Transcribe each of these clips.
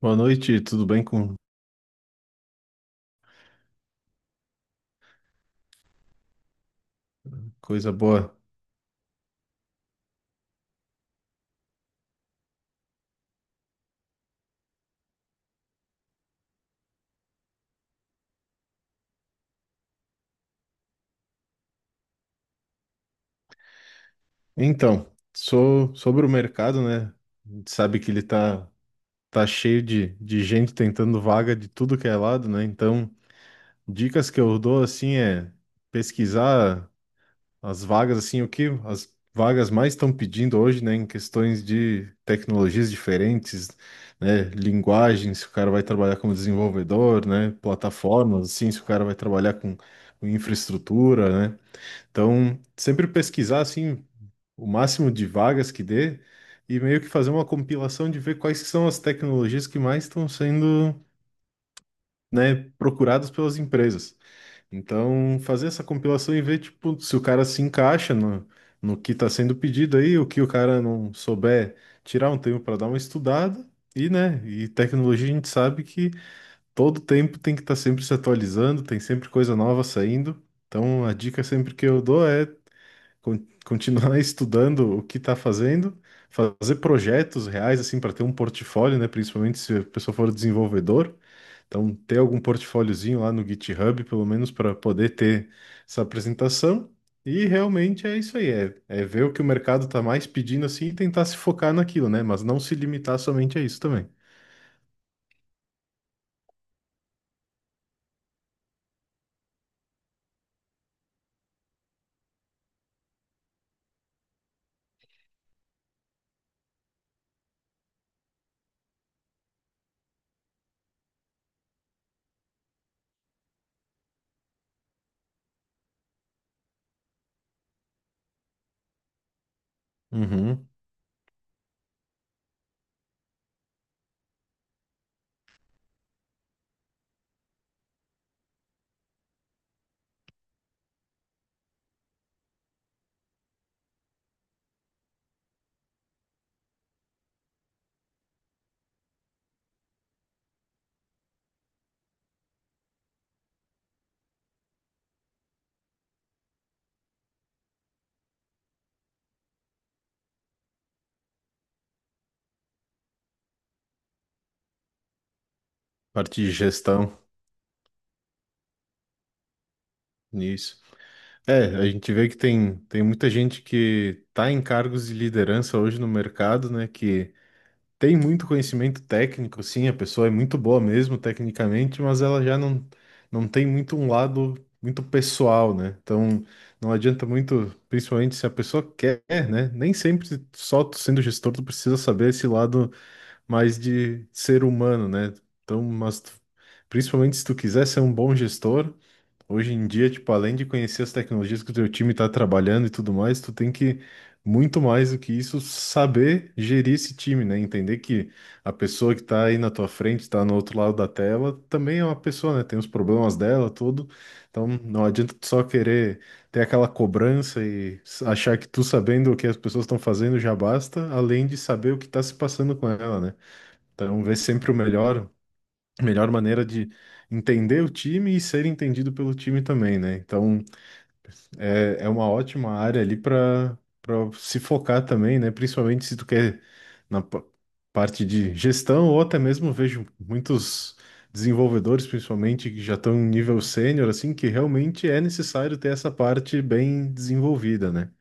Boa noite, tudo bem com coisa boa? Então, sobre o mercado, né? A gente sabe que ele tá cheio de gente tentando vaga de tudo que é lado, né? Então, dicas que eu dou assim é pesquisar as vagas, assim, o que as vagas mais estão pedindo hoje, né? Em questões de tecnologias diferentes, né? Linguagens, se o cara vai trabalhar como desenvolvedor, né? Plataformas, assim, se o cara vai trabalhar com infraestrutura, né? Então, sempre pesquisar assim o máximo de vagas que dê e meio que fazer uma compilação de ver quais que são as tecnologias que mais estão sendo, né, procuradas pelas empresas. Então, fazer essa compilação e ver tipo se o cara se encaixa no que está sendo pedido aí, o que o cara não souber, tirar um tempo para dar uma estudada. E, né, e tecnologia a gente sabe que todo tempo tem que estar sempre se atualizando, tem sempre coisa nova saindo. Então, a dica sempre que eu dou é continuar estudando o que está fazendo, fazer projetos reais assim para ter um portfólio, né? Principalmente se a pessoa for desenvolvedor, então ter algum portfóliozinho lá no GitHub, pelo menos para poder ter essa apresentação. E realmente é isso aí, é ver o que o mercado está mais pedindo assim e tentar se focar naquilo, né? Mas não se limitar somente a isso também. Uhum. Parte de gestão, isso. É, a gente vê que tem muita gente que está em cargos de liderança hoje no mercado, né? Que tem muito conhecimento técnico, sim, a pessoa é muito boa mesmo tecnicamente, mas ela já não, não tem muito um lado muito pessoal, né? Então não adianta muito, principalmente se a pessoa quer, né? Nem sempre só tu sendo gestor tu precisa saber esse lado mais de ser humano, né? Então, mas principalmente se tu quiser ser um bom gestor, hoje em dia, tipo, além de conhecer as tecnologias que o teu time está trabalhando e tudo mais, tu tem que, muito mais do que isso, saber gerir esse time, né? Entender que a pessoa que está aí na tua frente, está no outro lado da tela, também é uma pessoa, né? Tem os problemas dela, tudo. Então, não adianta tu só querer ter aquela cobrança e achar que tu sabendo o que as pessoas estão fazendo já basta, além de saber o que está se passando com ela, né? Então, ver sempre melhor maneira de entender o time e ser entendido pelo time também, né? Então, é, é uma ótima área ali para se focar também, né? Principalmente se tu quer na pa- parte de gestão ou até mesmo vejo muitos desenvolvedores, principalmente que já estão em nível sênior, assim, que realmente é necessário ter essa parte bem desenvolvida, né?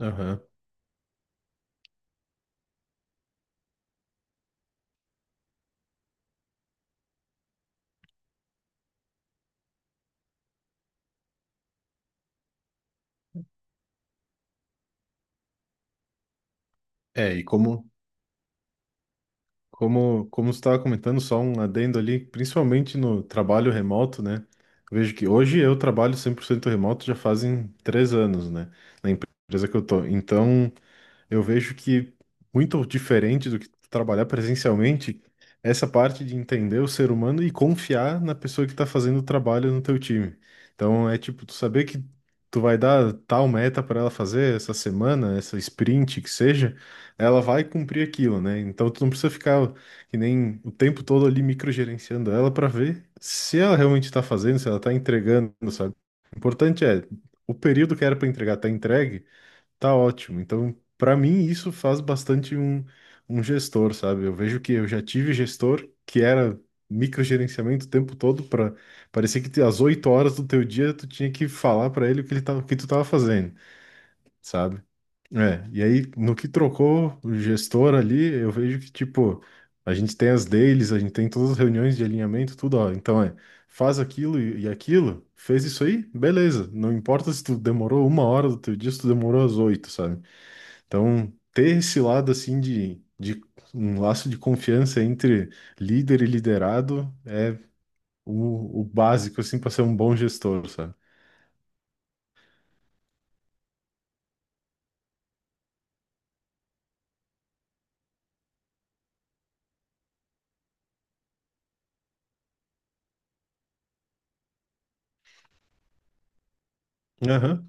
Aham. É, e como Como, como você estava comentando, só um adendo ali, principalmente no trabalho remoto, né? Vejo que hoje eu trabalho 100% remoto já fazem 3 anos, né? Na empresa que eu tô. Então, eu vejo que muito diferente do que trabalhar presencialmente, essa parte de entender o ser humano e confiar na pessoa que está fazendo o trabalho no teu time. Então é tipo, tu saber que tu vai dar tal meta para ela fazer essa semana, essa sprint que seja, ela vai cumprir aquilo, né? Então tu não precisa ficar que nem o tempo todo ali microgerenciando ela para ver se ela realmente está fazendo, se ela está entregando, sabe? O importante é o período que era para entregar tá entregue. Tá ótimo. Então, para mim, isso faz bastante um gestor, sabe? Eu vejo que eu já tive gestor que era microgerenciamento o tempo todo, para parecia que às 8 horas do teu dia tu tinha que falar para ele o que ele tava, o que tu tava fazendo, sabe? É, e aí no que trocou o gestor ali, eu vejo que tipo, a gente tem as dailies, a gente tem todas as reuniões de alinhamento, tudo, ó. Então é, faz aquilo e aquilo, fez isso aí, beleza. Não importa se tu demorou uma hora do teu dia, se tu demorou às 8, sabe? Então, ter esse lado assim de um laço de confiança entre líder e liderado é o básico assim para ser um bom gestor, sabe? Aham.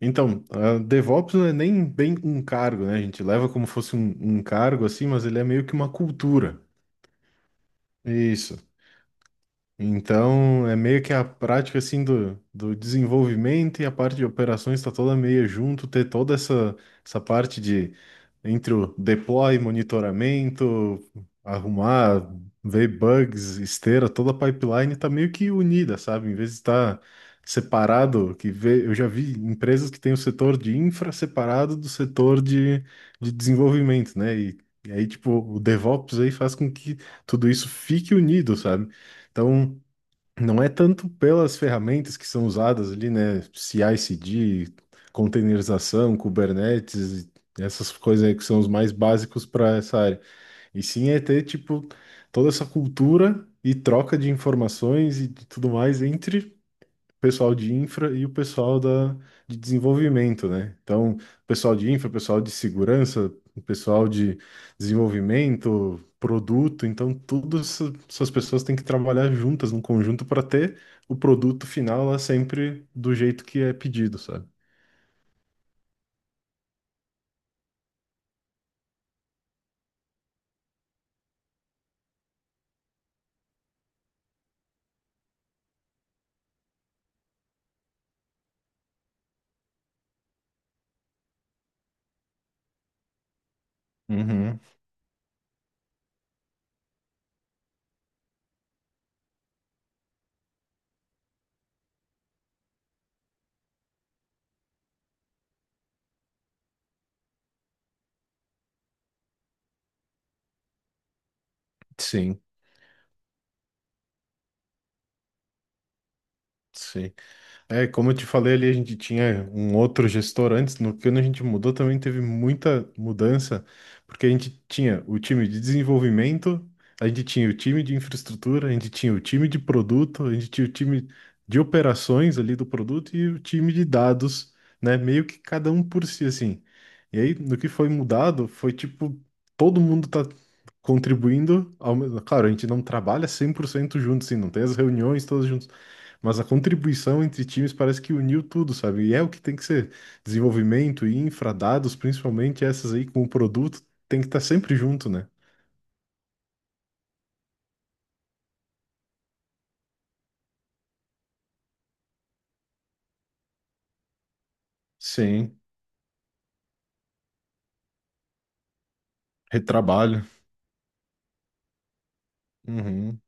Então, a DevOps não é nem bem um cargo, né? A gente leva como fosse um cargo assim, mas ele é meio que uma cultura. Isso. Então, é meio que a prática assim do desenvolvimento e a parte de operações está toda meio junto, ter toda essa parte de entre o deploy, monitoramento, arrumar, ver bugs, esteira, toda a pipeline está meio que unida, sabe? Em vez de estar separado, que vê, eu já vi empresas que têm o setor de infra separado do setor de desenvolvimento, né? E aí, tipo, o DevOps aí faz com que tudo isso fique unido, sabe? Então, não é tanto pelas ferramentas que são usadas ali, né? CI/CD, containerização, Kubernetes, essas coisas aí que são os mais básicos para essa área. E sim é ter, tipo, toda essa cultura e troca de informações e de tudo mais entre pessoal de infra e o pessoal de desenvolvimento, né? Então, pessoal de infra, pessoal de segurança, pessoal de desenvolvimento, produto, então essas pessoas têm que trabalhar juntas num conjunto para ter o produto final lá sempre do jeito que é pedido, sabe? Uhum. Sim, sim. É, como eu te falei ali, a gente tinha um outro gestor antes, no que a gente mudou também teve muita mudança, porque a gente tinha o time de desenvolvimento, a gente tinha o time de infraestrutura, a gente tinha o time de produto, a gente tinha o time de operações ali do produto e o time de dados, né? Meio que cada um por si, assim. E aí, no que foi mudado, foi tipo, todo mundo tá contribuindo, ao mesmo... claro, a gente não trabalha 100% junto, assim, não tem as reuniões todas juntas, mas a contribuição entre times parece que uniu tudo, sabe? E é o que tem que ser. Desenvolvimento e infra, dados, principalmente essas aí com o produto, tem que estar sempre junto, né? Sim, retrabalho. Uhum.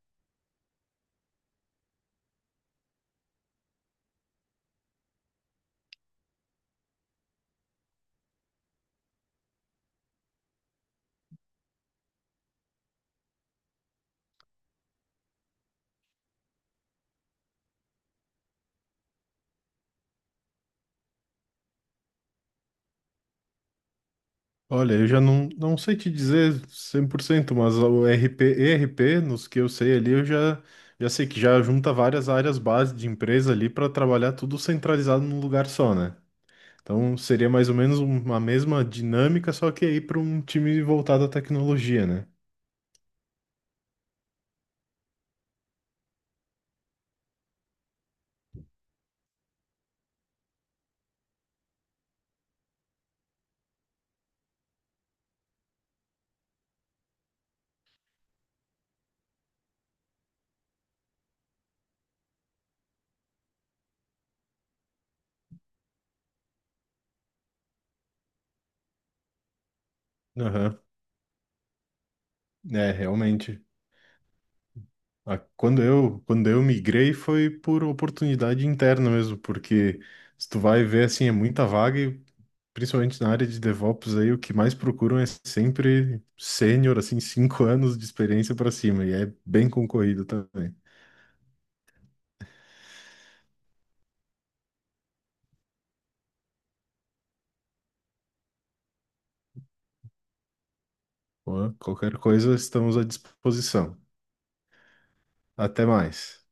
Olha, eu já não, não sei te dizer 100%, mas o RP, ERP, nos que eu sei ali, já sei que já junta várias áreas base de empresa ali para trabalhar tudo centralizado num lugar só, né? Então seria mais ou menos uma mesma dinâmica, só que aí para um time voltado à tecnologia, né? É, realmente. Ah, quando eu migrei foi por oportunidade interna mesmo, porque se tu vai ver, assim, é muita vaga e principalmente na área de DevOps aí, o que mais procuram é sempre sênior, assim, 5 anos de experiência para cima, e é bem concorrido também. Pô, qualquer coisa, estamos à disposição. Até mais.